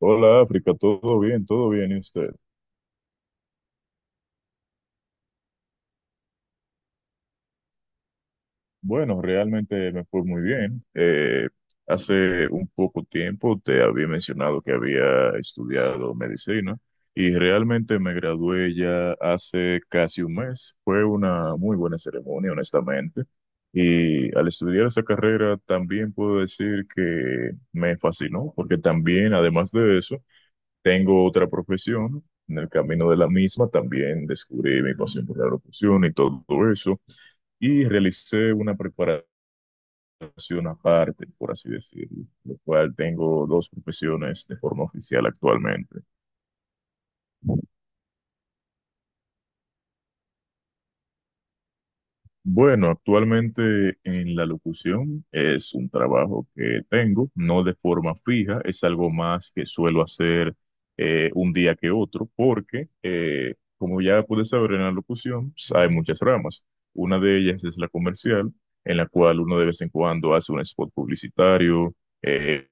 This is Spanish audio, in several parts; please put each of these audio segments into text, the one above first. Hola África, todo bien, ¿y usted? Bueno, realmente me fue muy bien. Hace un poco tiempo te había mencionado que había estudiado medicina y realmente me gradué ya hace casi un mes. Fue una muy buena ceremonia, honestamente. Y al estudiar esa carrera también puedo decir que me fascinó, porque también, además de eso, tengo otra profesión. En el camino de la misma también descubrí mi pasión por la locución y todo eso, y realicé una preparación aparte, por así decirlo, lo cual tengo dos profesiones de forma oficial actualmente. Bueno, actualmente en la locución es un trabajo que tengo, no de forma fija, es algo más que suelo hacer un día que otro, porque como ya puedes saber en la locución, pues, hay muchas ramas. Una de ellas es la comercial, en la cual uno de vez en cuando hace un spot publicitario. eh,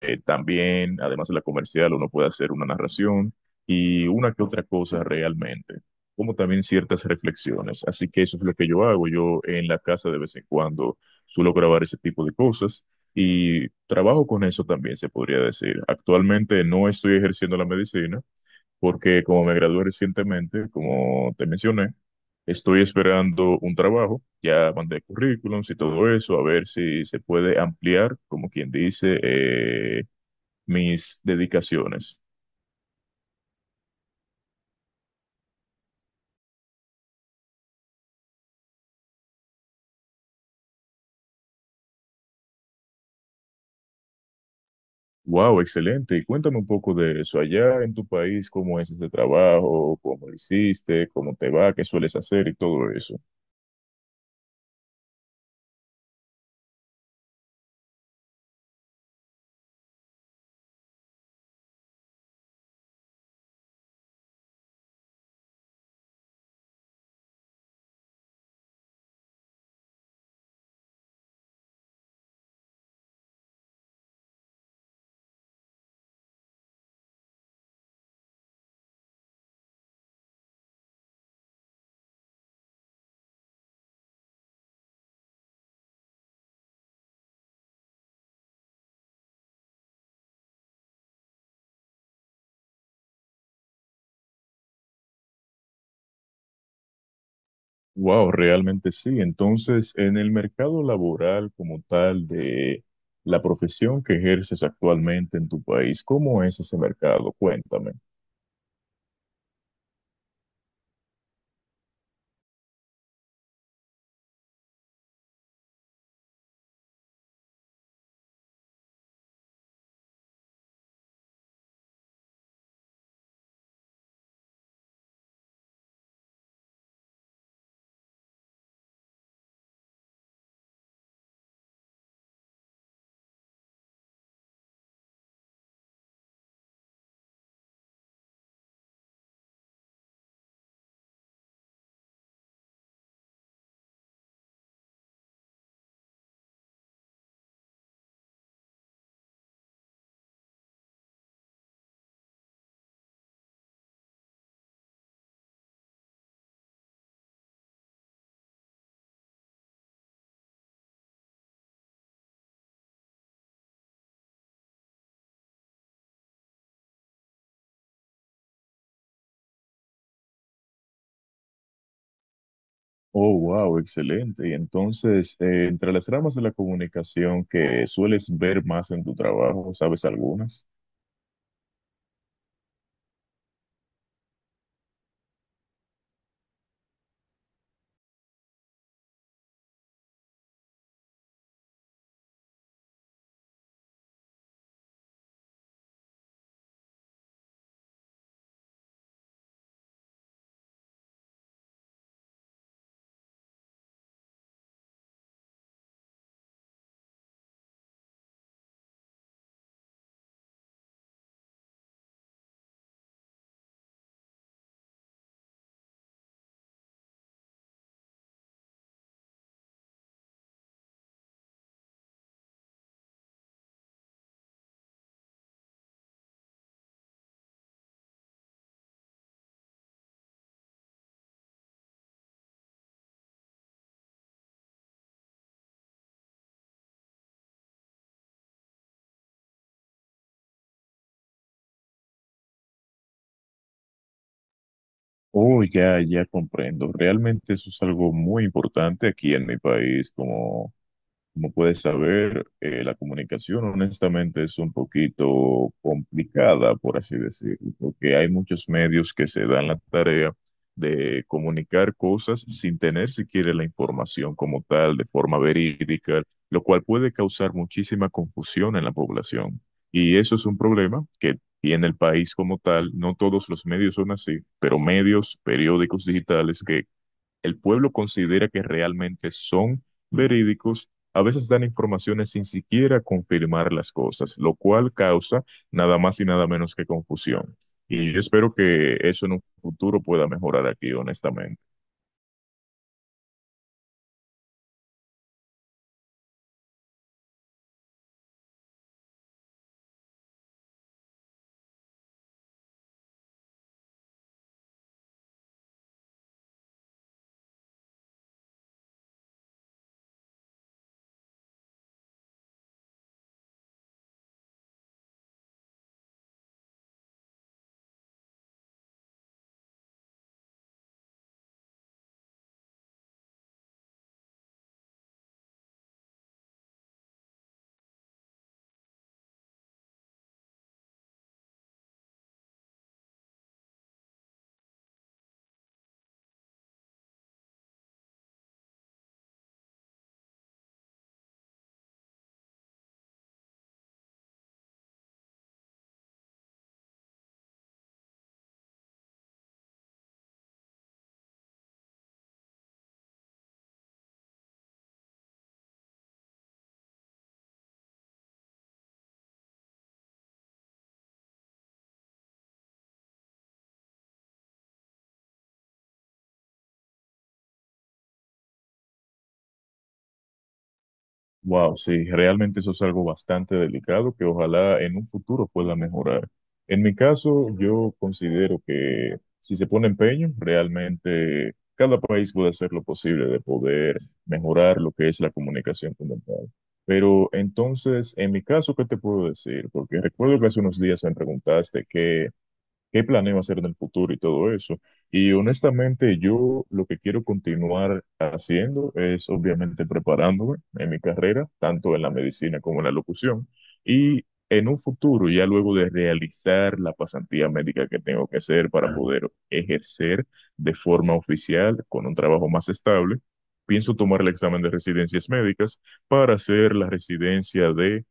También, además de la comercial, uno puede hacer una narración y una que otra cosa realmente, como también ciertas reflexiones. Así que eso es lo que yo hago. Yo en la casa de vez en cuando suelo grabar ese tipo de cosas y trabajo con eso también, se podría decir. Actualmente no estoy ejerciendo la medicina porque, como me gradué recientemente, como te mencioné, estoy esperando un trabajo. Ya mandé currículums y todo eso, a ver si se puede ampliar, como quien dice, mis dedicaciones. Wow, excelente. Y cuéntame un poco de eso. Allá en tu país, ¿cómo es ese trabajo? ¿Cómo lo hiciste? ¿Cómo te va? ¿Qué sueles hacer? Y todo eso. Wow, realmente sí. Entonces, en el mercado laboral como tal de la profesión que ejerces actualmente en tu país, ¿cómo es ese mercado? Cuéntame. Oh, wow, excelente. Y entonces, entre las ramas de la comunicación que sueles ver más en tu trabajo, ¿sabes algunas? Oh, ya, ya comprendo. Realmente eso es algo muy importante aquí en mi país. Como puedes saber, la comunicación honestamente es un poquito complicada, por así decirlo, porque hay muchos medios que se dan la tarea de comunicar cosas sin tener siquiera la información como tal, de forma verídica, lo cual puede causar muchísima confusión en la población. Y eso es un problema que tiene el país como tal. No todos los medios son así, pero medios, periódicos digitales que el pueblo considera que realmente son verídicos, a veces dan informaciones sin siquiera confirmar las cosas, lo cual causa nada más y nada menos que confusión. Y yo espero que eso en un futuro pueda mejorar aquí, honestamente. Wow, sí, realmente eso es algo bastante delicado que ojalá en un futuro pueda mejorar. En mi caso, yo considero que si se pone empeño, realmente cada país puede hacer lo posible de poder mejorar lo que es la comunicación como tal. Pero entonces, en mi caso, ¿qué te puedo decir? Porque recuerdo que hace unos días me preguntaste qué planeo hacer en el futuro y todo eso. Y honestamente, yo lo que quiero continuar haciendo es obviamente preparándome en mi carrera, tanto en la medicina como en la locución, y en un futuro, ya luego de realizar la pasantía médica que tengo que hacer para poder ejercer de forma oficial con un trabajo más estable, pienso tomar el examen de residencias médicas para hacer la residencia de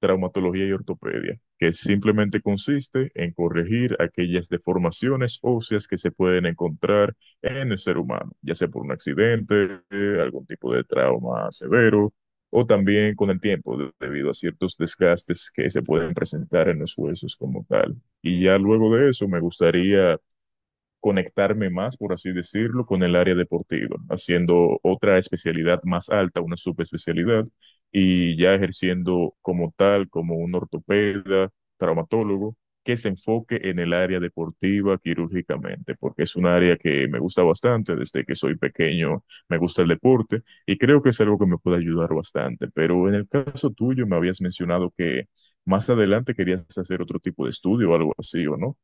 traumatología y ortopedia, que simplemente consiste en corregir aquellas deformaciones óseas que se pueden encontrar en el ser humano, ya sea por un accidente, algún tipo de trauma severo, o también con el tiempo, debido a ciertos desgastes que se pueden presentar en los huesos como tal. Y ya luego de eso, me gustaría conectarme más, por así decirlo, con el área deportiva, haciendo otra especialidad más alta, una subespecialidad, y ya ejerciendo como tal, como un ortopeda traumatólogo que se enfoque en el área deportiva quirúrgicamente, porque es un área que me gusta bastante. Desde que soy pequeño me gusta el deporte, y creo que es algo que me puede ayudar bastante, pero en el caso tuyo me habías mencionado que... Más adelante querías hacer otro tipo de estudio o algo así, ¿o no?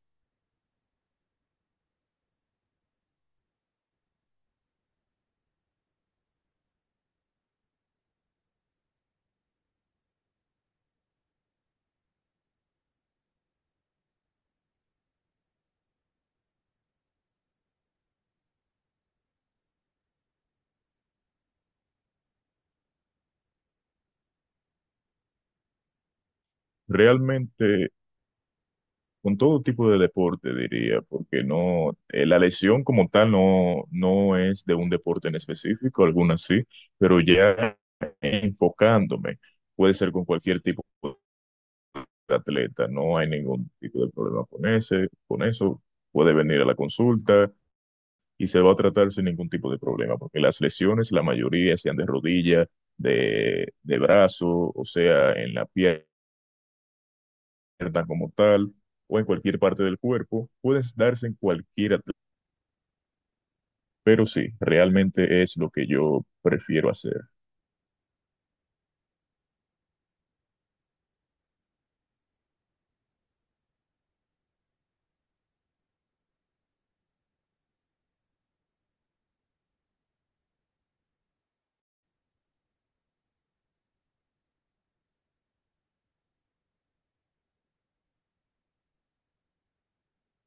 Realmente con todo tipo de deporte, diría, porque no, la lesión como tal no, no es de un deporte en específico, algunas sí, pero ya enfocándome, puede ser con cualquier tipo de atleta. No hay ningún tipo de problema con ese, con eso. Puede venir a la consulta y se va a tratar sin ningún tipo de problema, porque las lesiones, la mayoría sean de rodilla, de brazo, o sea, en la pierna como tal, o en cualquier parte del cuerpo, puedes darse en cualquier atleta. Pero sí, realmente es lo que yo prefiero hacer.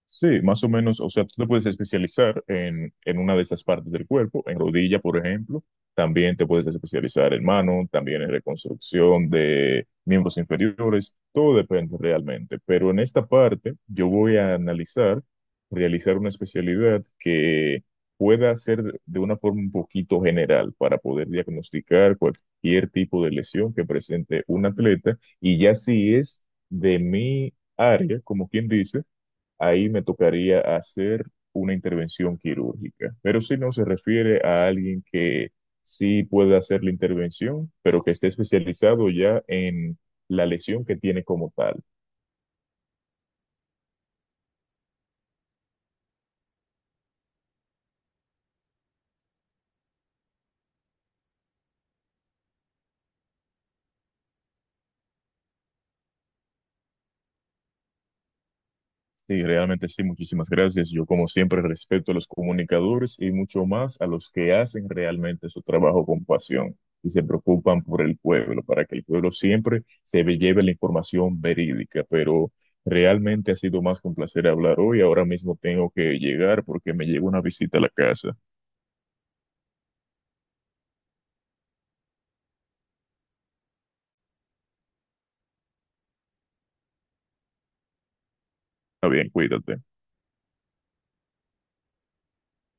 Sí, más o menos, o sea, tú te puedes especializar en, una de esas partes del cuerpo, en rodilla, por ejemplo. También te puedes especializar en mano, también en reconstrucción de miembros inferiores. Todo depende realmente, pero en esta parte yo voy a analizar, realizar una especialidad que pueda ser de una forma un poquito general para poder diagnosticar cualquier tipo de lesión que presente un atleta, y ya si es de mi área, como quien dice, ahí me tocaría hacer una intervención quirúrgica. Pero si no, se refiere a alguien que sí puede hacer la intervención, pero que esté especializado ya en la lesión que tiene como tal. Sí, realmente sí, muchísimas gracias. Yo como siempre respeto a los comunicadores y mucho más a los que hacen realmente su trabajo con pasión y se preocupan por el pueblo, para que el pueblo siempre lleve la información verídica. Pero realmente ha sido más que un placer hablar hoy. Ahora mismo tengo que llegar porque me llega una visita a la casa. Está bien, cuídate.